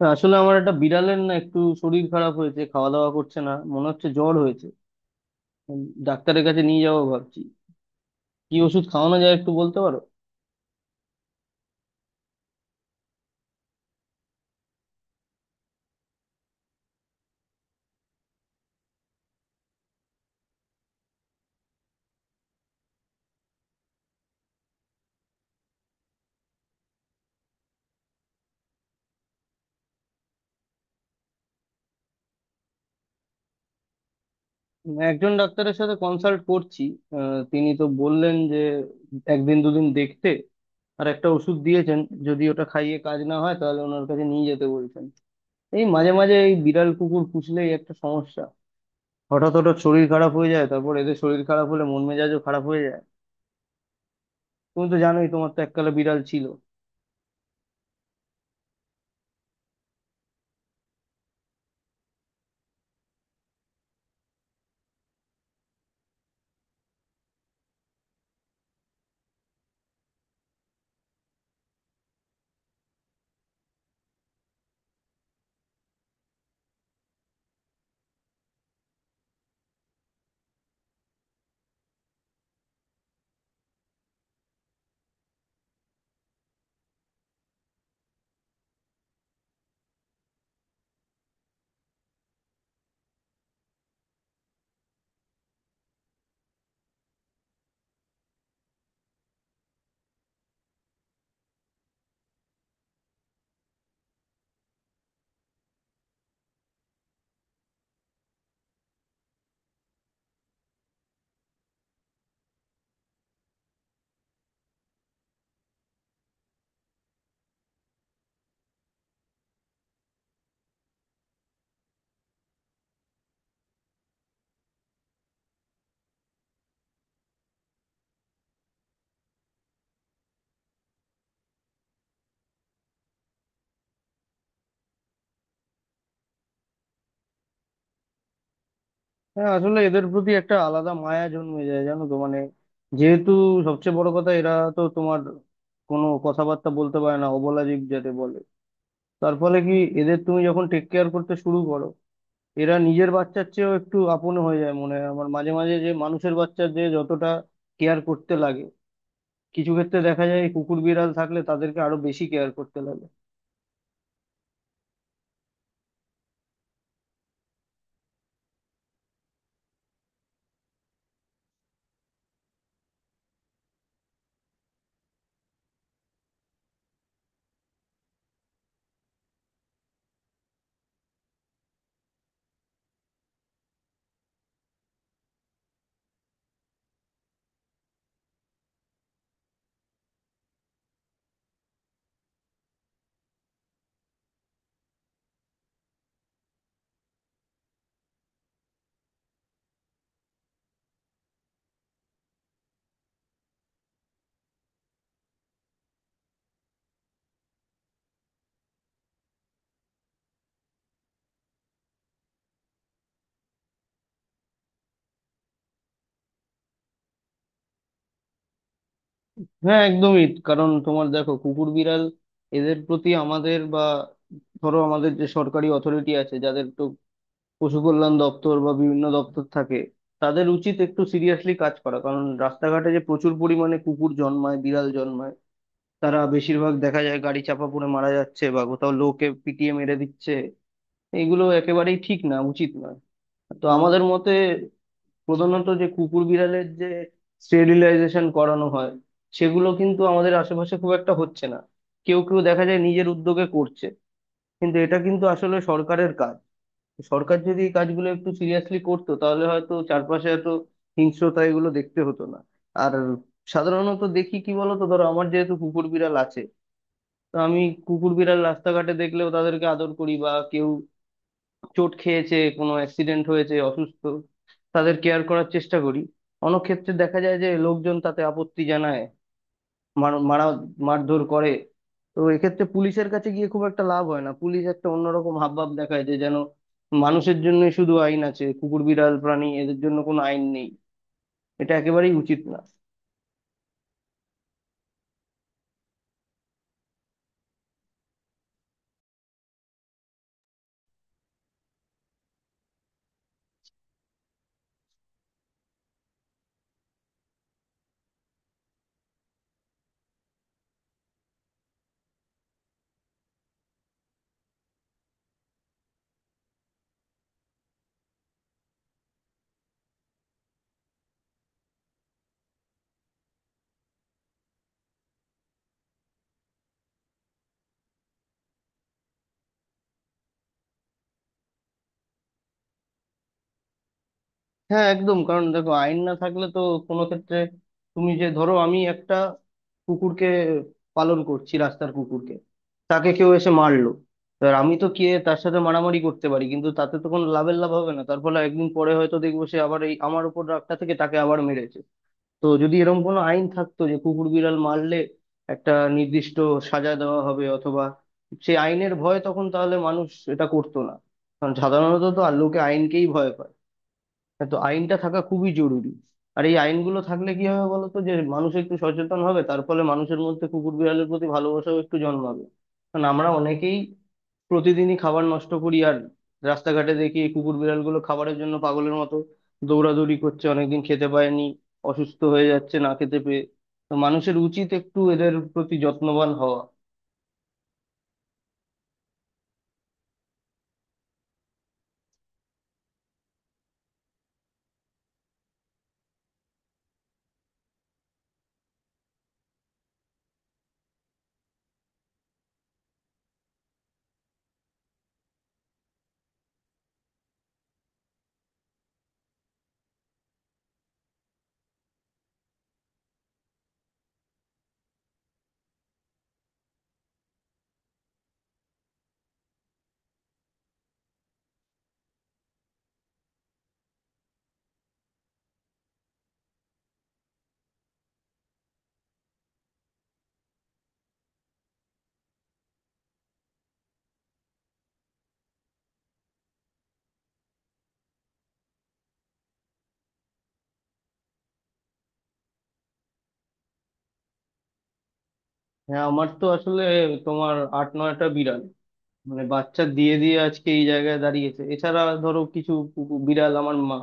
না, আসলে আমার একটা বিড়ালের না একটু শরীর খারাপ হয়েছে, খাওয়া দাওয়া করছে না, মনে হচ্ছে জ্বর হয়েছে। উম, ডাক্তারের কাছে নিয়ে যাবো ভাবছি। কি ওষুধ খাওয়ানো যায় একটু বলতে পারো? একজন ডাক্তারের সাথে কনসাল্ট করছি। তিনি তো বললেন যে একদিন দুদিন দেখতে, আর একটা ওষুধ দিয়েছেন। যদি ওটা খাইয়ে কাজ না হয় তাহলে ওনার কাছে নিয়ে যেতে বলছেন। এই মাঝে মাঝে এই বিড়াল কুকুর পুষলেই একটা সমস্যা, হঠাৎ হঠাৎ শরীর খারাপ হয়ে যায়। তারপর এদের শরীর খারাপ হলে মন মেজাজও খারাপ হয়ে যায়। তুমি তো জানোই, তোমার তো এককালে বিড়াল ছিল। হ্যাঁ, আসলে এদের প্রতি একটা আলাদা মায়া জন্মে যায়, জানো তো। মানে যেহেতু সবচেয়ে বড় কথা, এরা তো তোমার কোনো কথাবার্তা বলতে পারে না, অবলা জীব যাতে বলে। তার ফলে কি, এদের তুমি যখন টেক কেয়ার করতে শুরু করো, এরা নিজের বাচ্চার চেয়েও একটু আপন হয়ে যায়। মনে হয় আমার মাঝে মাঝে যে মানুষের বাচ্চার যে যতটা কেয়ার করতে লাগে, কিছু ক্ষেত্রে দেখা যায় কুকুর বিড়াল থাকলে তাদেরকে আরো বেশি কেয়ার করতে লাগে। হ্যাঁ, একদমই। কারণ তোমার দেখো কুকুর বিড়াল এদের প্রতি আমাদের, বা ধরো আমাদের যে সরকারি অথরিটি আছে, পশু কল্যাণ দপ্তর বা বিভিন্ন দপ্তর থাকে, তাদের উচিত একটু সিরিয়াসলি কাজ করা। কারণ রাস্তাঘাটে যে প্রচুর পরিমাণে কুকুর জন্মায় বিড়াল জন্মায়, তারা বেশিরভাগ দেখা যায় গাড়ি চাপা পড়ে মারা যাচ্ছে বা কোথাও লোকে পিটিয়ে মেরে দিচ্ছে। এগুলো একেবারেই ঠিক না, উচিত নয়। তো আমাদের মতে প্রধানত যে কুকুর বিড়ালের যে স্টেরিলাইজেশন করানো হয়, সেগুলো কিন্তু আমাদের আশেপাশে খুব একটা হচ্ছে না। কেউ কেউ দেখা যায় নিজের উদ্যোগে করছে, কিন্তু এটা কিন্তু আসলে সরকারের কাজ। সরকার যদি এই কাজগুলো একটু সিরিয়াসলি করতো তাহলে হয়তো চারপাশে এত হিংস্রতা এগুলো দেখতে হতো না। আর সাধারণত দেখি কি বলতো, ধরো আমার যেহেতু কুকুর বিড়াল আছে, তো আমি কুকুর বিড়াল রাস্তাঘাটে দেখলেও তাদেরকে আদর করি, বা কেউ চোট খেয়েছে, কোনো অ্যাক্সিডেন্ট হয়েছে, অসুস্থ, তাদের কেয়ার করার চেষ্টা করি। অনেক ক্ষেত্রে দেখা যায় যে লোকজন তাতে আপত্তি জানায়, মার মারা, মারধর করে। তো এক্ষেত্রে পুলিশের কাছে গিয়ে খুব একটা লাভ হয় না, পুলিশ একটা অন্যরকম হাবভাব দেখায়, যে যেন মানুষের জন্য শুধু আইন আছে, কুকুর বিড়াল প্রাণী এদের জন্য কোনো আইন নেই। এটা একেবারেই উচিত না। হ্যাঁ, একদম। কারণ দেখো আইন না থাকলে তো কোনো ক্ষেত্রে, তুমি যে ধরো আমি একটা কুকুরকে পালন করছি রাস্তার কুকুরকে, তাকে কেউ এসে মারলো, এবার আমি তো গিয়ে তার সাথে মারামারি করতে পারি কিন্তু তাতে তো কোনো লাভের লাভ হবে না। তার ফলে একদিন পরে হয়তো দেখবো সে আবার এই আমার উপর রাগটা থেকে তাকে আবার মেরেছে। তো যদি এরকম কোনো আইন থাকতো যে কুকুর বিড়াল মারলে একটা নির্দিষ্ট সাজা দেওয়া হবে, অথবা সেই আইনের ভয় তখন তাহলে মানুষ এটা করতো না। কারণ সাধারণত তো আর লোকে আইনকেই ভয় পায়। হ্যাঁ, তো আইনটা থাকা খুবই জরুরি। আর এই আইনগুলো থাকলে কি হবে বলতো, যে মানুষ একটু সচেতন হবে, তার ফলে মানুষের মধ্যে কুকুর বিড়ালের প্রতি ভালোবাসাও একটু জন্মাবে। কারণ আমরা অনেকেই প্রতিদিনই খাবার নষ্ট করি, আর রাস্তাঘাটে দেখি এই কুকুর বিড়ালগুলো খাবারের জন্য পাগলের মতো দৌড়াদৌড়ি করছে, অনেকদিন খেতে পায়নি, অসুস্থ হয়ে যাচ্ছে না খেতে পেয়ে। তো মানুষের উচিত একটু এদের প্রতি যত্নবান হওয়া। হ্যাঁ, আমার তো আসলে তোমার আট নয়টা বিড়াল মানে বাচ্চা দিয়ে দিয়ে আজকে এই জায়গায় দাঁড়িয়েছে। এছাড়া ধরো কিছু কুকুর- বিড়াল আমার মা,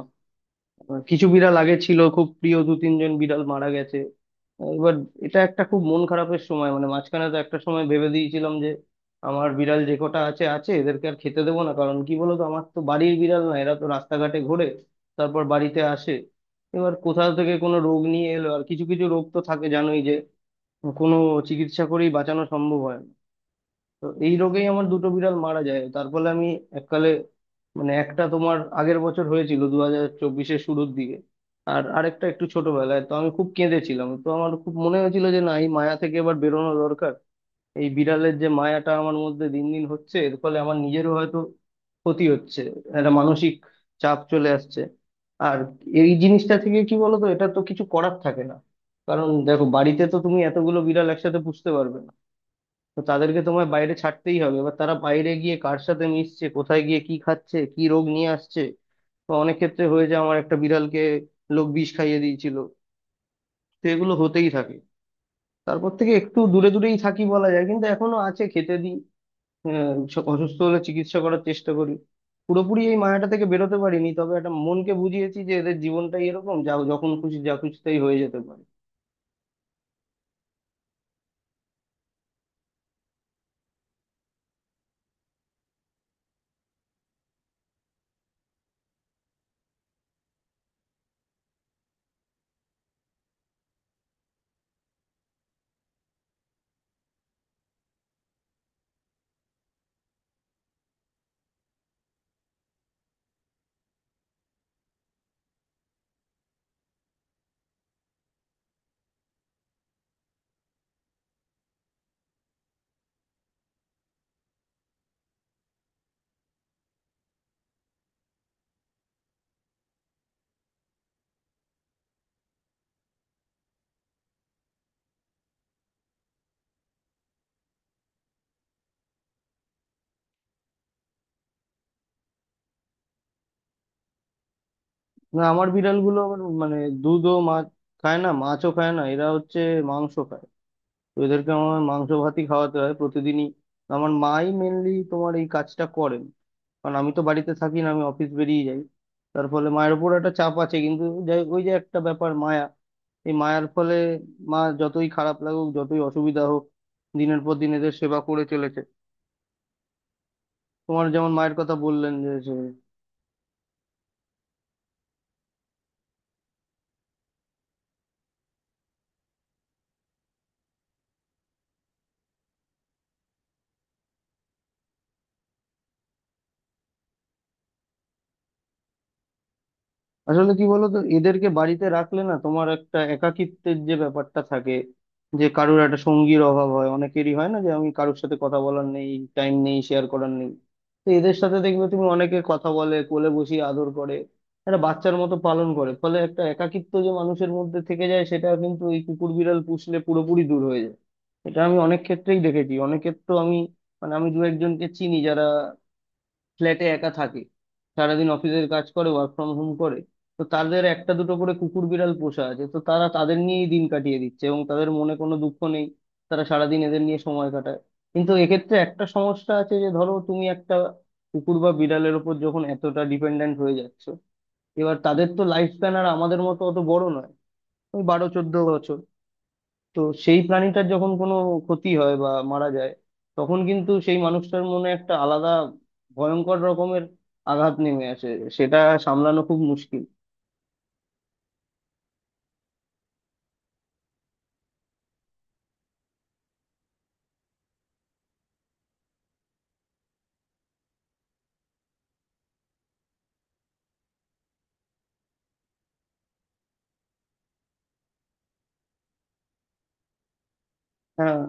মানে কিছু বিড়াল আগে ছিল খুব প্রিয়, দু তিনজন বিড়াল মারা গেছে। এবার এটা একটা খুব মন খারাপের সময়। মানে মাঝখানে তো একটা সময় ভেবে দিয়েছিলাম যে আমার বিড়াল যে কটা আছে আছে, এদেরকে আর খেতে দেবো না। কারণ কি বলতো, আমার তো বাড়ির বিড়াল না, এরা তো রাস্তাঘাটে ঘোরে, তারপর বাড়িতে আসে। এবার কোথা থেকে কোনো রোগ নিয়ে এলো, আর কিছু কিছু রোগ তো থাকে জানোই, যে কোনো চিকিৎসা করেই বাঁচানো সম্ভব হয় না। তো এই রোগেই আমার দুটো বিড়াল মারা যায়। তার ফলে আমি এককালে, মানে একটা তোমার আগের বছর হয়েছিল 2024-এর শুরুর দিকে, আর আরেকটা একটু ছোটবেলায়, তো আমি খুব কেঁদেছিলাম। তো আমার খুব মনে হয়েছিল যে না, এই মায়া থেকে এবার বেরোনো দরকার। এই বিড়ালের যে মায়াটা আমার মধ্যে দিন দিন হচ্ছে, এর ফলে আমার নিজেরও হয়তো ক্ষতি হচ্ছে, একটা মানসিক চাপ চলে আসছে। আর এই জিনিসটা থেকে কি বলতো, এটা তো কিছু করার থাকে না। কারণ দেখো বাড়িতে তো তুমি এতগুলো বিড়াল একসাথে পুষতে পারবে না। তো তাদেরকে তোমায় বাইরে ছাড়তেই হবে। এবার তারা বাইরে গিয়ে কার সাথে মিশছে, কোথায় গিয়ে কি খাচ্ছে, কি রোগ নিয়ে আসছে। তো অনেক ক্ষেত্রে হয়ে যায়, আমার একটা বিড়ালকে লোক বিষ খাইয়ে দিয়েছিল। তো এগুলো হতেই থাকে। তারপর থেকে একটু দূরে দূরেই থাকি বলা যায়, কিন্তু এখনো আছে, খেতে দিই। স- অসুস্থ হলে চিকিৎসা করার চেষ্টা করি। পুরোপুরি এই মায়াটা থেকে বেরোতে পারিনি, তবে একটা মনকে বুঝিয়েছি যে এদের জীবনটাই এরকম, যা যখন খুশি যা খুশি তাই হয়ে যেতে পারে। না, আমার বিড়ালগুলো আবার মানে দুধও মাছ খায় না, মাছও খায় না, এরা হচ্ছে মাংস খায়। তো এদেরকে আমার মাংস ভাতই খাওয়াতে হয় প্রতিদিনই। আমার মাই মেনলি তোমার এই কাজটা করেন। কারণ আমি তো বাড়িতে থাকি না, আমি অফিস বেরিয়ে যাই। তার ফলে মায়ের উপর একটা চাপ আছে, কিন্তু যাই, ওই যে একটা ব্যাপার মায়া, এই মায়ার ফলে মা যতই খারাপ লাগুক, যতই অসুবিধা হোক, দিনের পর দিন এদের সেবা করে চলেছে। তোমার যেমন মায়ের কথা বললেন যে সে। আসলে কি বলতো, এদেরকে বাড়িতে রাখলে না তোমার একটা একাকিত্বের যে ব্যাপারটা থাকে, যে কারুর একটা সঙ্গীর অভাব হয় অনেকেরই, হয় না যে আমি কারুর সাথে কথা বলার নেই, টাইম নেই, শেয়ার করার নেই। তো এদের সাথে দেখবে তুমি অনেকে কথা বলে, কোলে বসিয়ে আদর করে, একটা বাচ্চার মতো পালন করে। ফলে একটা একাকিত্ব যে মানুষের মধ্যে থেকে যায় সেটা কিন্তু এই কুকুর বিড়াল পুষলে পুরোপুরি দূর হয়ে যায়। এটা আমি অনেক ক্ষেত্রেই দেখেছি। অনেকের তো আমি মানে আমি দু একজনকে চিনি যারা ফ্ল্যাটে একা থাকে, সারাদিন অফিসের কাজ করে, ওয়ার্ক ফ্রম হোম করে। তো তাদের একটা দুটো করে কুকুর বিড়াল পোষা আছে, তো তারা তাদের নিয়েই দিন কাটিয়ে দিচ্ছে এবং তাদের মনে কোনো দুঃখ নেই। তারা সারাদিন এদের নিয়ে সময় কাটায়। কিন্তু এক্ষেত্রে একটা সমস্যা আছে, যে ধরো তুমি একটা কুকুর বা বিড়ালের ওপর যখন এতটা ডিপেন্ডেন্ট হয়ে যাচ্ছ, এবার তাদের তো লাইফ স্প্যান আর আমাদের মতো অত বড় নয়, ওই বারো চোদ্দ বছর। তো সেই প্রাণীটার যখন কোনো ক্ষতি হয় বা মারা যায়, তখন কিন্তু সেই মানুষটার মনে একটা আলাদা, ভয়ঙ্কর রকমের আঘাত নেমে আসে। সেটা সামলানো খুব মুশকিল। হ্যাঁ,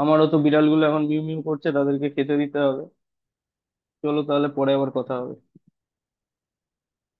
আমারও তো বিড়ালগুলো এখন মিউ মিউ করছে, তাদেরকে খেতে দিতে হবে। চলো তাহলে পরে আবার কথা হবে।